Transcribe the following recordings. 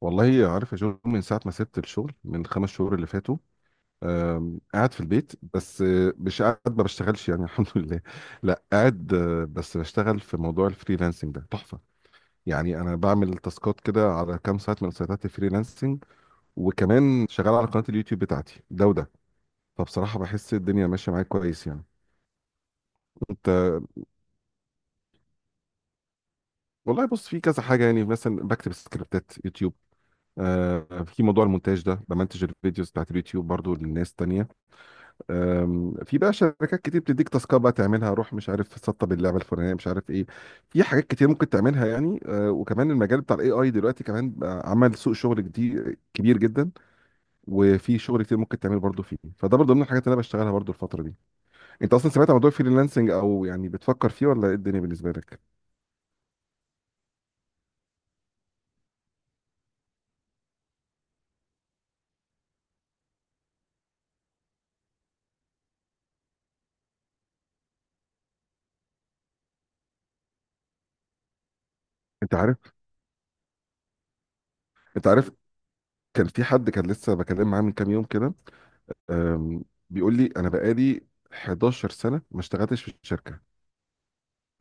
والله عارف يا جو، من ساعة ما سبت الشغل من خمس شهور اللي فاتوا. آه، قاعد في البيت. بس آه، مش قاعد ما بشتغلش يعني. الحمد لله. لا قاعد آه، بس بشتغل في موضوع الفريلانسنج ده، تحفة يعني. أنا بعمل تاسكات كده على كام سايت من سايتات الفريلانسنج، وكمان شغال على قناة اليوتيوب بتاعتي، ده وده. فبصراحة بحس الدنيا ماشية معايا كويس يعني. أنت، والله بص في كذا حاجة يعني. مثلا بكتب سكريبتات يوتيوب، آه في موضوع المونتاج ده، بمنتج الفيديوز بتاعت اليوتيوب برضو للناس تانية. في بقى شركات كتير بتديك تاسكات بقى تعملها، روح مش عارف سطب اللعبه الفلانيه، مش عارف ايه. في حاجات كتير ممكن تعملها يعني. وكمان المجال بتاع الاي اي دلوقتي كمان بقى عمل سوق شغل جديد كبير جدا. وفي شغل كتير ممكن تعمل برضه فيه، فده برضه من الحاجات اللي انا بشتغلها برضه الفتره دي. انت اصلا سمعت عن موضوع الفريلانسنج، او يعني بتفكر فيه، ولا ايه الدنيا بالنسبه لك؟ انت عارف انت عارف، كان في حد كان لسه بكلم معاه من كام يوم كده. أم، بيقول لي انا بقالي 11 سنه ما اشتغلتش في الشركه.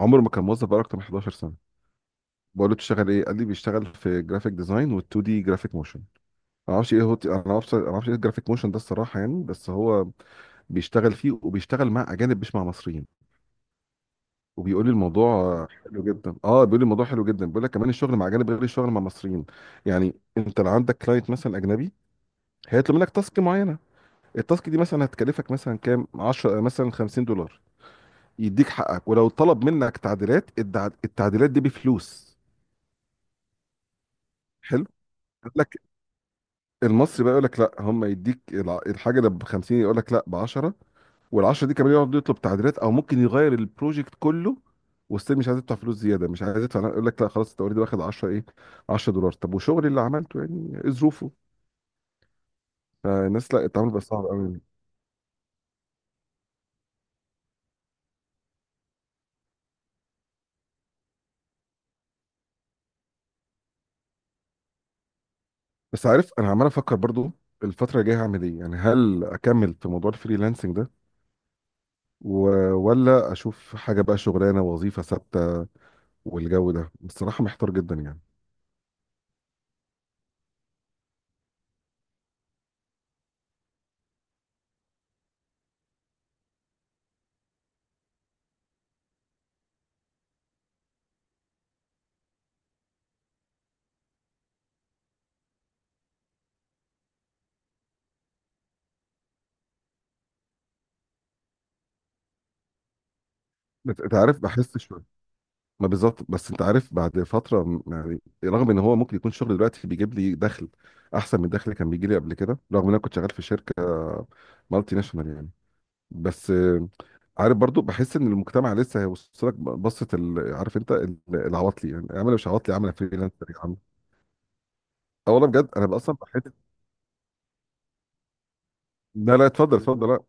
عمره ما كان موظف بقى اكتر من 11 سنه. بقول له بتشتغل ايه؟ قال لي بيشتغل في جرافيك ديزاين وال2 دي جرافيك موشن. انا معرفش، ايه الجرافيك موشن ده الصراحه يعني، بس هو بيشتغل فيه وبيشتغل مع اجانب مش مع مصريين. وبيقول لي الموضوع حلو جدا. اه، بيقول لي الموضوع حلو جدا، بيقول لك كمان الشغل مع اجانب غير الشغل مع مصريين. يعني انت لو عندك كلاينت مثلا اجنبي، هيطلب منك تاسك معينه. التاسك دي مثلا هتكلفك مثلا كام، 10 مثلا، 50 دولار، يديك حقك. ولو طلب منك تعديلات، التعديلات دي بفلوس. حلو. المصري بقى يقول لك لا، الحاجه اللي ب 50 يقول لك لا ب 10. وال 10 دي كمان يقعد يطلب تعديلات، او ممكن يغير البروجكت كله. وستيل مش عايز يدفع فلوس زياده، مش عايز يدفع، يقول لك لا خلاص انت اوريدي واخد 10، ايه 10 دولار؟ طب وشغلي اللي عملته يعني، ايه ظروفه؟ فالناس، لا التعامل بقى صعب قوي. بس عارف، انا عمال افكر برضو الفتره الجايه هعمل ايه يعني. هل اكمل في موضوع الفريلانسنج ده و... ولا اشوف حاجه بقى شغلانه وظيفه ثابته؟ والجو ده بصراحه محتار جدا يعني. انت عارف بحس شويه، ما بالظبط، بس انت عارف بعد فتره يعني، رغم ان هو ممكن يكون الشغل دلوقتي بيجيب لي دخل احسن من الدخل اللي كان بيجي لي قبل كده، رغم ان انا كنت شغال في شركه مالتي ناشونال يعني، بس عارف برضو بحس ان المجتمع لسه هيوصلك، عارف انت العواطلي يعني. يا عم انا مش عواطلي، يا عم انا فريلانسر، يا عم. اه والله بجد انا بقى اصلا بحس. لا، اتفضل اتفضل. لا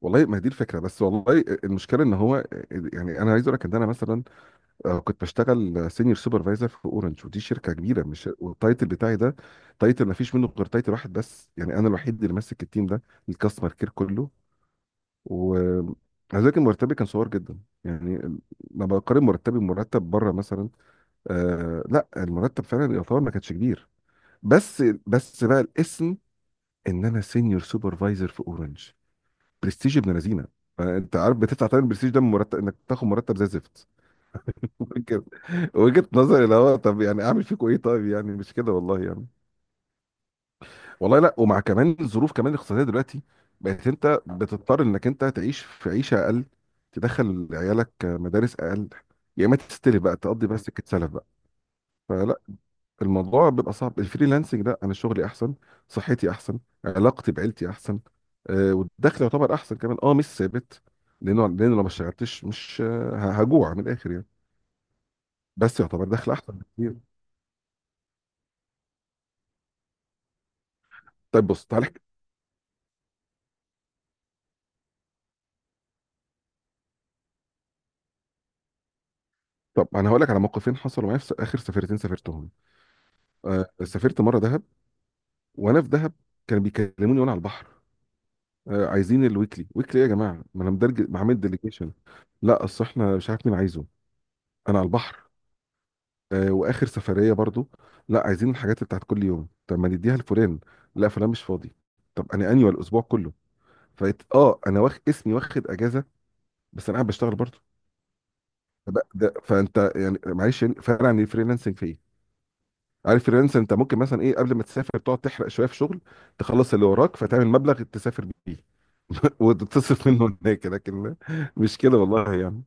والله ما هي دي الفكره، بس والله المشكله ان هو يعني، انا عايز اقول لك ان انا مثلا كنت بشتغل سينيور سوبرفايزر في اورنج، ودي شركه كبيره مش، والتايتل بتاعي ده تايتل ما فيش منه غير تايتل واحد بس يعني، انا الوحيد اللي ماسك التيم ده، الكاستمر كير كله. و كان مرتبي كان صغير جدا يعني. لما بقارن مرتبي بمرتب بره مثلا، آه لا المرتب فعلا يعتبر ما كانش كبير. بس بس بقى الاسم، ان انا سينيور سوبرفايزر في اورنج، برستيج ابن لذينه. فانت عارف بتدفع تاني البرستيج ده من مرتب، انك تاخد مرتب زي الزفت. وجهة نظري اللي هو طب يعني اعمل فيكم ايه؟ طيب يعني مش كده والله يعني. والله لا، ومع كمان الظروف كمان الاقتصاديه دلوقتي، بقت انت بتضطر انك انت تعيش في عيشه اقل، تدخل عيالك مدارس اقل، يا اما تستلف بقى تقضي، بس سكه سلف بقى. فلا، الموضوع بيبقى صعب. الفريلانسنج لا، انا شغلي احسن، صحتي احسن، علاقتي بعيلتي احسن، آه والدخل يعتبر احسن كمان. اه مش ثابت، لانه لو ما اشتغلتش مش هجوع من الاخر يعني، بس يعتبر دخل احسن بكتير. طيب بص تعالى، طب انا هقول لك على موقفين حصلوا معايا في اخر سفرتين سافرتهم. آه سافرت مره دهب، وانا في دهب كانوا بيكلموني وانا على البحر. آه عايزين الويكلي، ويكلي ايه يا جماعه؟ ما انا مدرج، ما عامل ديليجيشن. لا اصل احنا مش عارف مين عايزه. انا على البحر. آه واخر سفريه برضو، لا عايزين الحاجات بتاعت كل يوم. طب ما نديها لفلان، لا فلان مش فاضي. طب انا اني الاسبوع كله، فقلت اه انا واخد اسمي واخد اجازه، بس انا قاعد بشتغل برضو. فانت يعني معلش يعني، فرق عن الفريلانسنج في ايه؟ عارف فريلانسر انت ممكن مثلا ايه قبل ما تسافر تقعد تحرق شويه في شغل، تخلص اللي وراك، فتعمل مبلغ تسافر بيه وتصرف منه هناك. لكن مش كده والله يعني.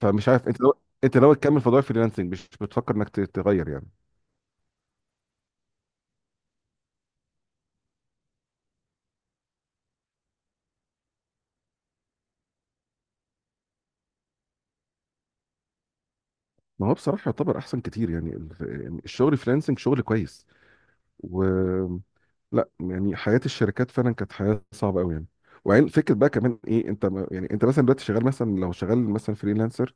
فمش عارف انت لو، انت ناوي تكمل في موضوع الفريلانسنج، مش بتفكر انك تغير يعني؟ ما هو بصراحه يعتبر احسن كتير يعني. يعني الشغل فريلانسنج شغل كويس. و لا يعني حياه الشركات فعلا كانت حياه صعبه قوي يعني. وعين فكره بقى كمان ايه، انت يعني انت مثلا دلوقتي شغال مثلا، لو شغال مثلا فريلانسر،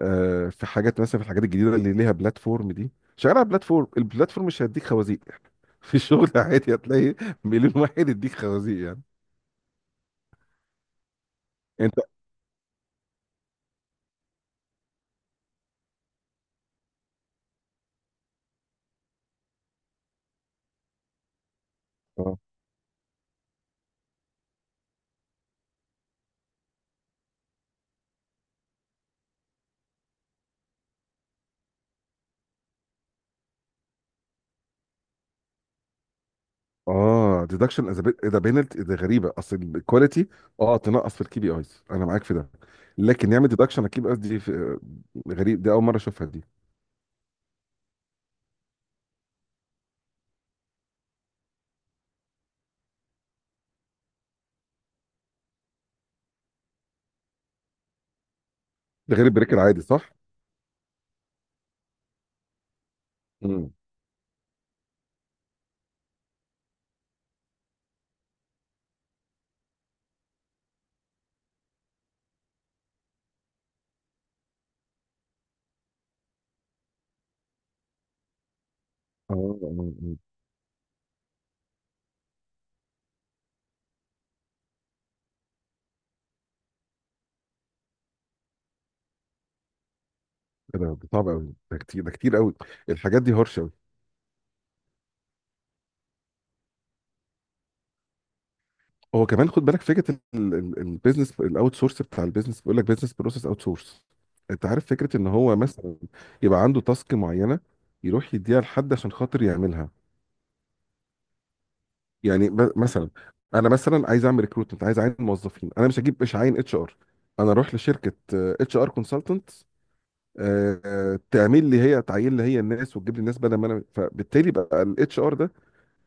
في حاجات مثلا في الحاجات الجديده اللي ليها بلاتفورم دي، شغال على بلاتفورم، البلاتفورم مش هيديك خوازيق. في الشغل عادي هتلاقي مليون واحد يديك خوازيق يعني. انت. اه اه، ديدكشن از ايه ده؟ بينالتي ده غريبه. اصل الكواليتي اه تنقص في الكي بي ايز، انا معاك في ده، لكن يعمل ديدكشن على الكي بي ايز دي غريب دي، اول مره اشوفها دي. ده غير البريك العادي صح؟ امم. اه اه آه. ده ده صعب قوي، ده كتير، ده كتير قوي. الحاجات دي هرشه. هو كمان خد بالك فكره البيزنس الاوت سورس، بتاع البيزنس بيقول لك بيزنس بروسيس اوت سورس، انت عارف فكره ان هو مثلا يبقى عنده تاسك معينه، يروح يديها لحد عشان خاطر يعملها. يعني مثلا انا مثلا عايز اعمل ريكروتمنت، عايز اعين موظفين، انا مش هجيب مش عين اتش ار، انا اروح لشركه اتش ار كونسلتنت، تعمل لي هي، تعين لي هي الناس، وتجيب لي الناس بدل ما انا. فبالتالي بقى الاتش ار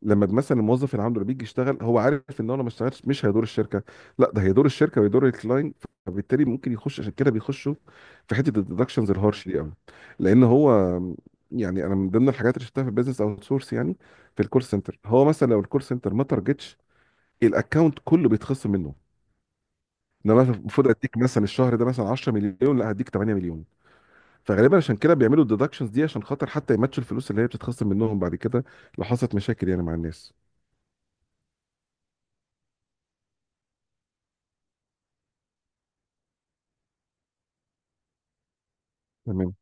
لما مثلا الموظف اللي عنده اللي بيجي يشتغل، هو عارف ان هو لو ما اشتغلش مش هيدور الشركه، لا ده هيدور الشركه ويدور الكلاينت. فبالتالي ممكن يخش عشان كده، بيخشوا في حته الديدكشنز الهارش دي قوي. لان هو يعني انا من ضمن الحاجات اللي شفتها في البيزنس اوت سورس يعني، في الكول سنتر هو مثلا لو الكول سنتر ما تارجتش، الاكونت كله بيتخصم منه. ان انا مثلا المفروض اديك مثلا الشهر ده مثلا 10 مليون، لا هديك 8 مليون. فغالبا عشان كده بيعملوا الديدكشنز دي عشان خاطر حتى يماتشوا الفلوس اللي هي بتتخصم منهم بعد كده، لو حصلت مشاكل يعني مع الناس. تمام.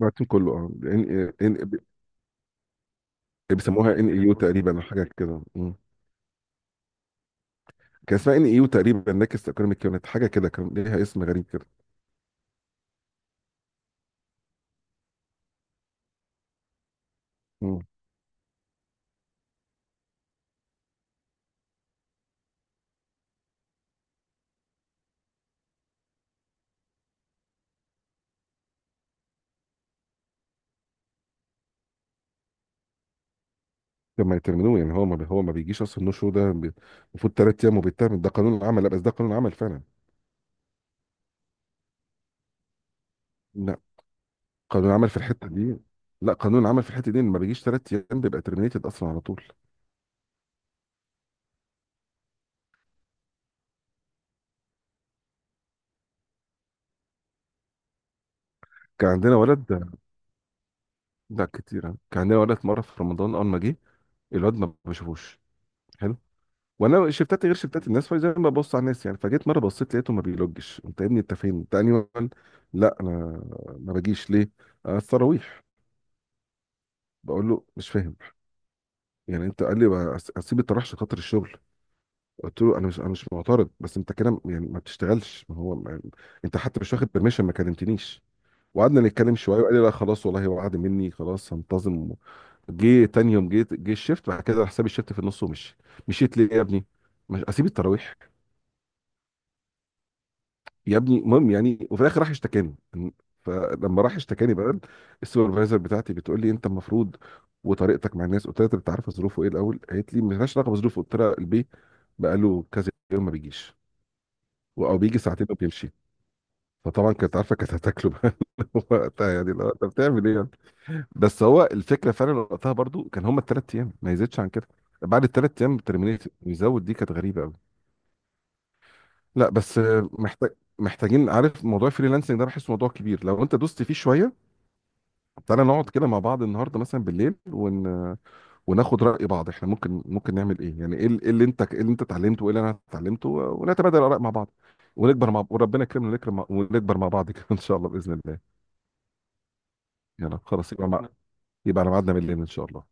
مارتن كله. اه، ان بيسموها ان ايو تقريبا او حاجه كده. مم. كان اسمها ان ايو تقريبا، نكست ايكونوميك يونت حاجه كده، كان ليها اسم غريب كده. مم. لما يترمنوه يعني، هو ما بي- هو ما بيجيش اصلا النو شو ده المفروض ثلاث ايام وبيترمن، ده قانون العمل. لا بس ده قانون العمل فعلا. لا قانون العمل في الحته دي، لا قانون العمل في الحته دي إن ما بيجيش ثلاث ايام بيبقى ترمينيتد اصلا على طول. كان عندنا ولد، لا كتير آه. كان عندنا ولد مره في رمضان اول ما جه، الواد ما بشوفوش. حلو. وانا شفتات غير شفتات الناس، فزي ما ببص على الناس يعني، فجيت مره بصيت لقيته، ما بيلوجش. انت يا ابني، انت فين؟ انت انهي وان؟ لا انا ما باجيش ليه التراويح. بقول له مش فاهم يعني انت. قال لي بقى اسيب التراويح عشان خاطر الشغل؟ قلت له انا مش، انا مش معترض، بس انت كده يعني ما بتشتغلش. ما هو ما يعني، انت حتى مش واخد برميشن، ما كلمتنيش. وقعدنا نتكلم شويه، وقال لي لا خلاص والله هو، وعد مني خلاص هنتظم. جه تاني يوم جه الشيفت، بعد كده راح ساب الشيفت في النص ومشي. مشيت ليه يا ابني؟ مش اسيب التراويح يا ابني. المهم يعني، وفي الاخر راح اشتكاني. فلما راح اشتكاني بقى السوبرفايزر بتاعتي بتقول لي انت المفروض وطريقتك مع الناس. قلت لها طب انت عارفه ظروفه ايه الاول؟ قالت لي ملهاش علاقه بظروفه. قلت لها البيه بقى له كذا يوم ما بيجيش، او بيجي ساعتين وبيمشي. فطبعا كانت عارفه، كانت هتاكله بقى وقتها يعني لا، انت بتعمل ايه يعني. بس هو الفكره فعلا وقتها برضو كان هما الثلاث ايام ما يزيدش عن كده، بعد الثلاث ايام ترمينيت ويزود، دي كانت غريبه قوي. لا بس محتاج محتاجين عارف، موضوع الفريلانسنج ده بحس موضوع كبير لو انت دوست فيه شويه. تعالى نقعد كده مع بعض النهارده مثلا بالليل وناخد راي بعض، احنا ممكن نعمل ايه يعني. ايه إيه اللي انت، ايه اللي انت اتعلمته وايه اللي انا اتعلمته، ونتبادل الاراء مع بعض، ونكبر مع، وربنا يكرمنا ونكرم ونكبر مع بعض كده. ان شاء الله باذن الله. يلا خلاص يبقى يبقى على ميعادنا بالليل ان شاء الله.